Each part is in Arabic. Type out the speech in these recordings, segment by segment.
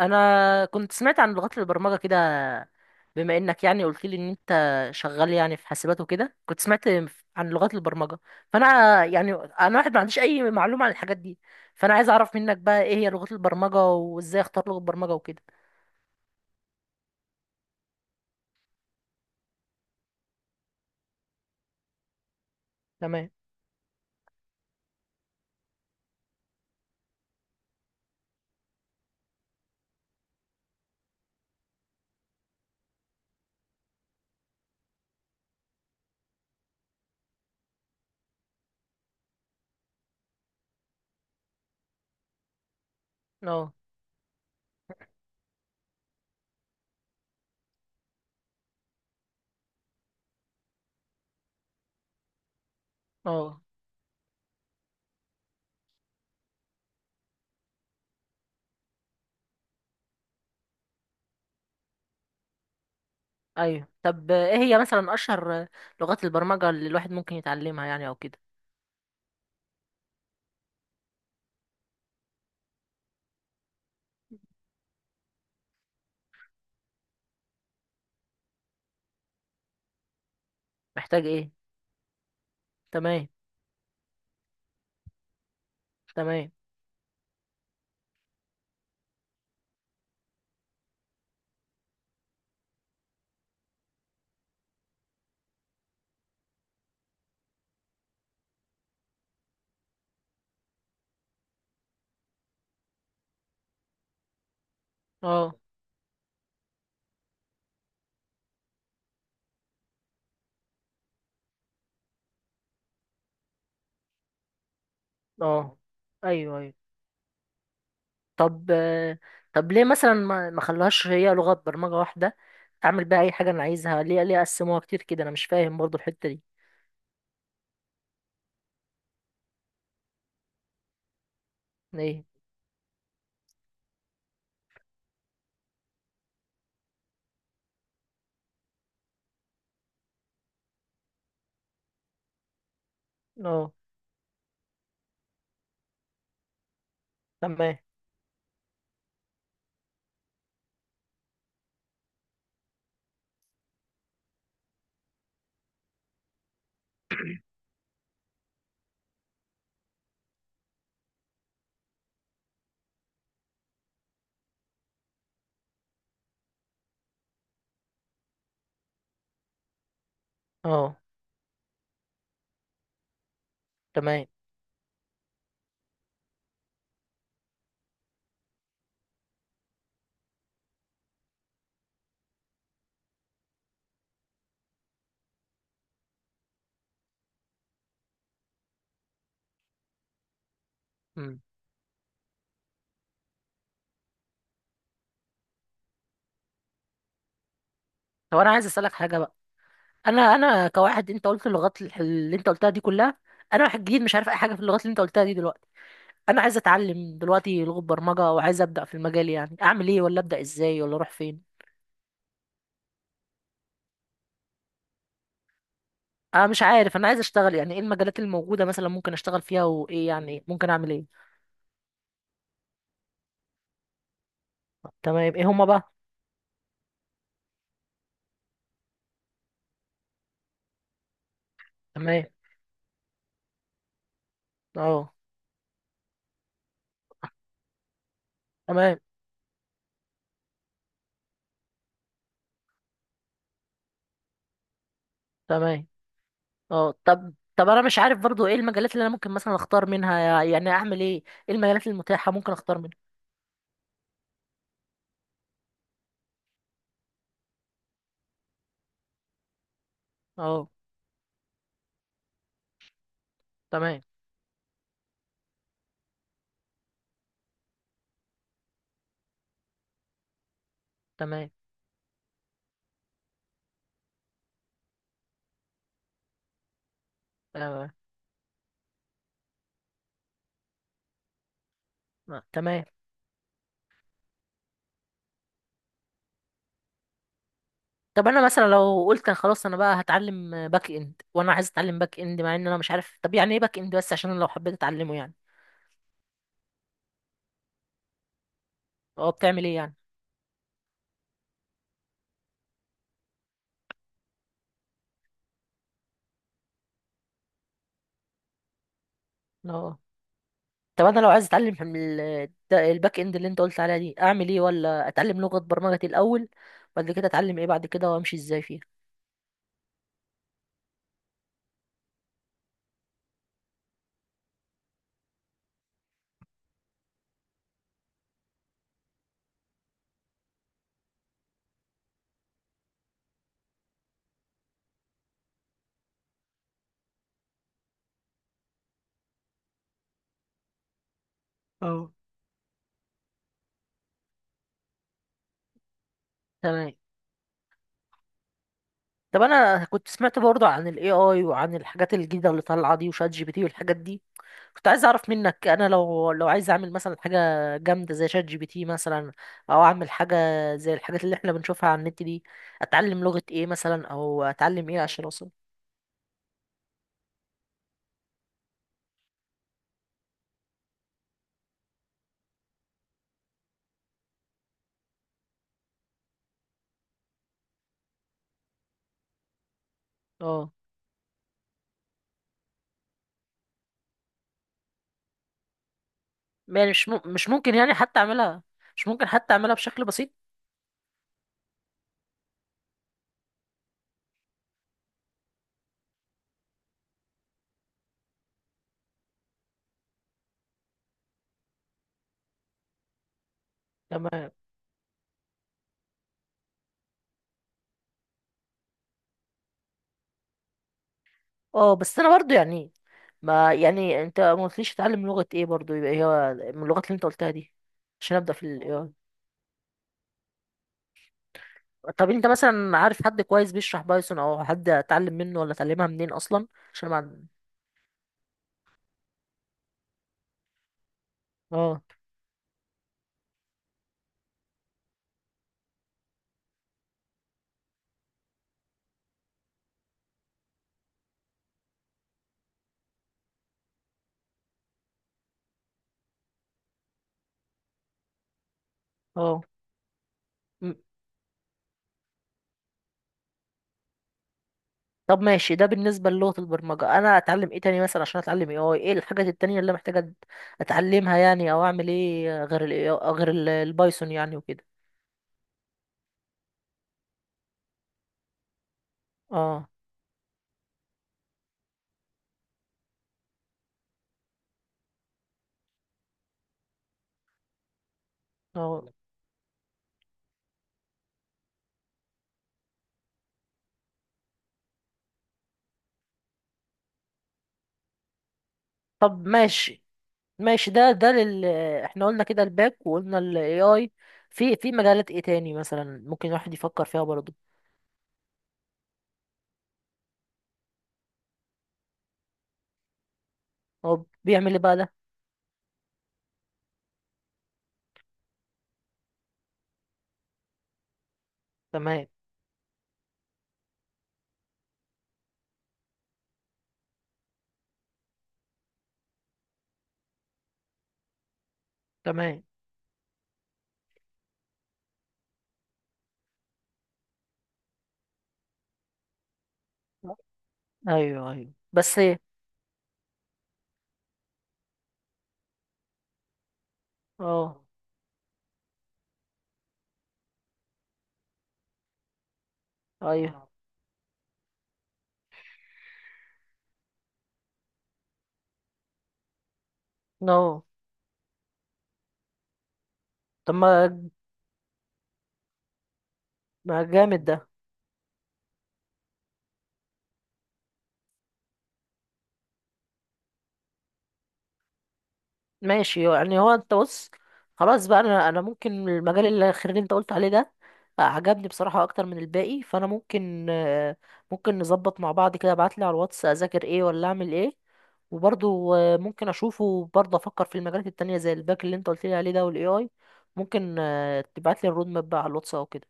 انا كنت سمعت عن لغات البرمجه كده. بما انك يعني قلت لي ان انت شغال يعني في حاسبات وكده، كنت سمعت عن لغات البرمجه. فانا يعني انا واحد ما عنديش اي معلومه عن الحاجات دي. فانا عايز اعرف منك بقى ايه هي لغات البرمجه وازاي اختار لغه برمجه وكده. تمام. اه. اه. ايوه. طب ايه هي مثلا اشهر لغات البرمجه اللي الواحد ممكن يتعلمها يعني او كده؟ محتاج ايه؟ تمام. تمام. اه. اه. ايوه. ايوه. طب طب ليه مثلا ما خلوهاش هي لغة برمجة واحدة اعمل بيها اي حاجة انا عايزها؟ ليه قسموها كتير كده؟ انا مش فاهم برضو الحتة دي. ليه؟ اه. تمام. اه. تمام. مم. طب انا عايز اسالك حاجة بقى. انا كواحد، انت قلت اللغات اللي انت قلتها دي كلها، انا واحد جديد مش عارف اي حاجة في اللغات اللي انت قلتها دي دلوقتي. انا عايز اتعلم دلوقتي لغة برمجة وعايز ابدا في المجال، يعني اعمل ايه ولا ابدا ازاي ولا اروح فين؟ انا مش عارف. انا عايز اشتغل، يعني ايه المجالات الموجودة مثلا ممكن اشتغل فيها وايه يعني ممكن اعمل ايه؟ تمام. ايه هما بقى؟ تمام. اه. تمام. تمام. اه. طب انا مش عارف برضو ايه المجالات اللي انا ممكن مثلا اختار منها، يعني اعمل ايه؟ ايه المجالات المتاحة ممكن اختار منها؟ اه. تمام. تمام. تمام. آه، تمام. طب انا مثلا لو قلت أنا خلاص انا بقى هتعلم باك اند، وانا عايز اتعلم باك اند مع ان انا مش عارف طب يعني ايه باك اند، بس عشان أنا لو حبيت اتعلمه يعني. اه، بتعمل ايه يعني؟ اه، طب انا لو عايز اتعلم من الباك اند اللي انت قلت عليها دي، اعمل ايه؟ ولا اتعلم لغة برمجة الاول، بعد كده اتعلم ايه بعد كده وامشي ازاي فيها؟ اه. تمام. طب انا كنت سمعت برضه عن الاي اي وعن الحاجات الجديدة اللي طالعة دي وشات جي بي تي والحاجات دي. كنت عايز اعرف منك، انا لو عايز اعمل مثلا حاجة جامدة زي شات جي بي تي مثلا، او اعمل حاجة زي الحاجات اللي احنا بنشوفها على النت دي، اتعلم لغة ايه مثلا او اتعلم ايه عشان اوصل؟ اه، يعني مش ممكن يعني حتى اعملها؟ مش ممكن حتى اعملها بشكل بسيط؟ تمام. اه، بس انا برضو يعني، ما يعني انت ما قلتليش تتعلم لغة ايه برضو يبقى هي من اللغات اللي انت قلتها دي عشان ابدأ في ال AI. طب انت مثلا عارف حد كويس بيشرح بايثون، او حد اتعلم منه ولا اتعلمها منين اصلا؟ عشان ما. اه. اه. م- طب ماشي. ده بالنسبة للغة البرمجة، انا اتعلم ايه تاني مثلا عشان اتعلم AI؟ ايه الحاجات التانية اللي محتاجة اتعلمها يعني، او اعمل ايه غير ال AI غير البايثون يعني وكده؟ اه. اه. طب ماشي ماشي، ده ده لل احنا قلنا كده الباك، وقلنا ال AI، في مجالات ايه تاني مثلا ممكن الواحد يفكر فيها برضه؟ هو بيعمل ايه بقى ده؟ تمام. تمام. ايوه. ايوه. بس ايه؟ اه. ايوه. نو. طب، ما جامد ده. ماشي، يعني هو انت بص، خلاص بقى. انا ممكن المجال الاخير اللي انت قلت عليه ده عجبني بصراحة اكتر من الباقي. فانا ممكن، ممكن نظبط مع بعض كده. ابعت لي على الواتس اذاكر ايه ولا اعمل ايه. وبرضه ممكن اشوفه برضه، افكر في المجالات التانية زي الباك اللي انت قلت لي عليه ده والاي اي. ممكن تبعت لي الرود ماب بقى على الواتس او كده.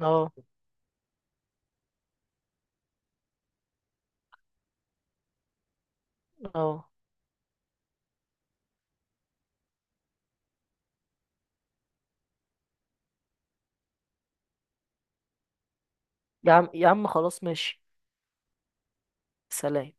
اه. اه. يا عم يا عم، خلاص ماشي. سلام.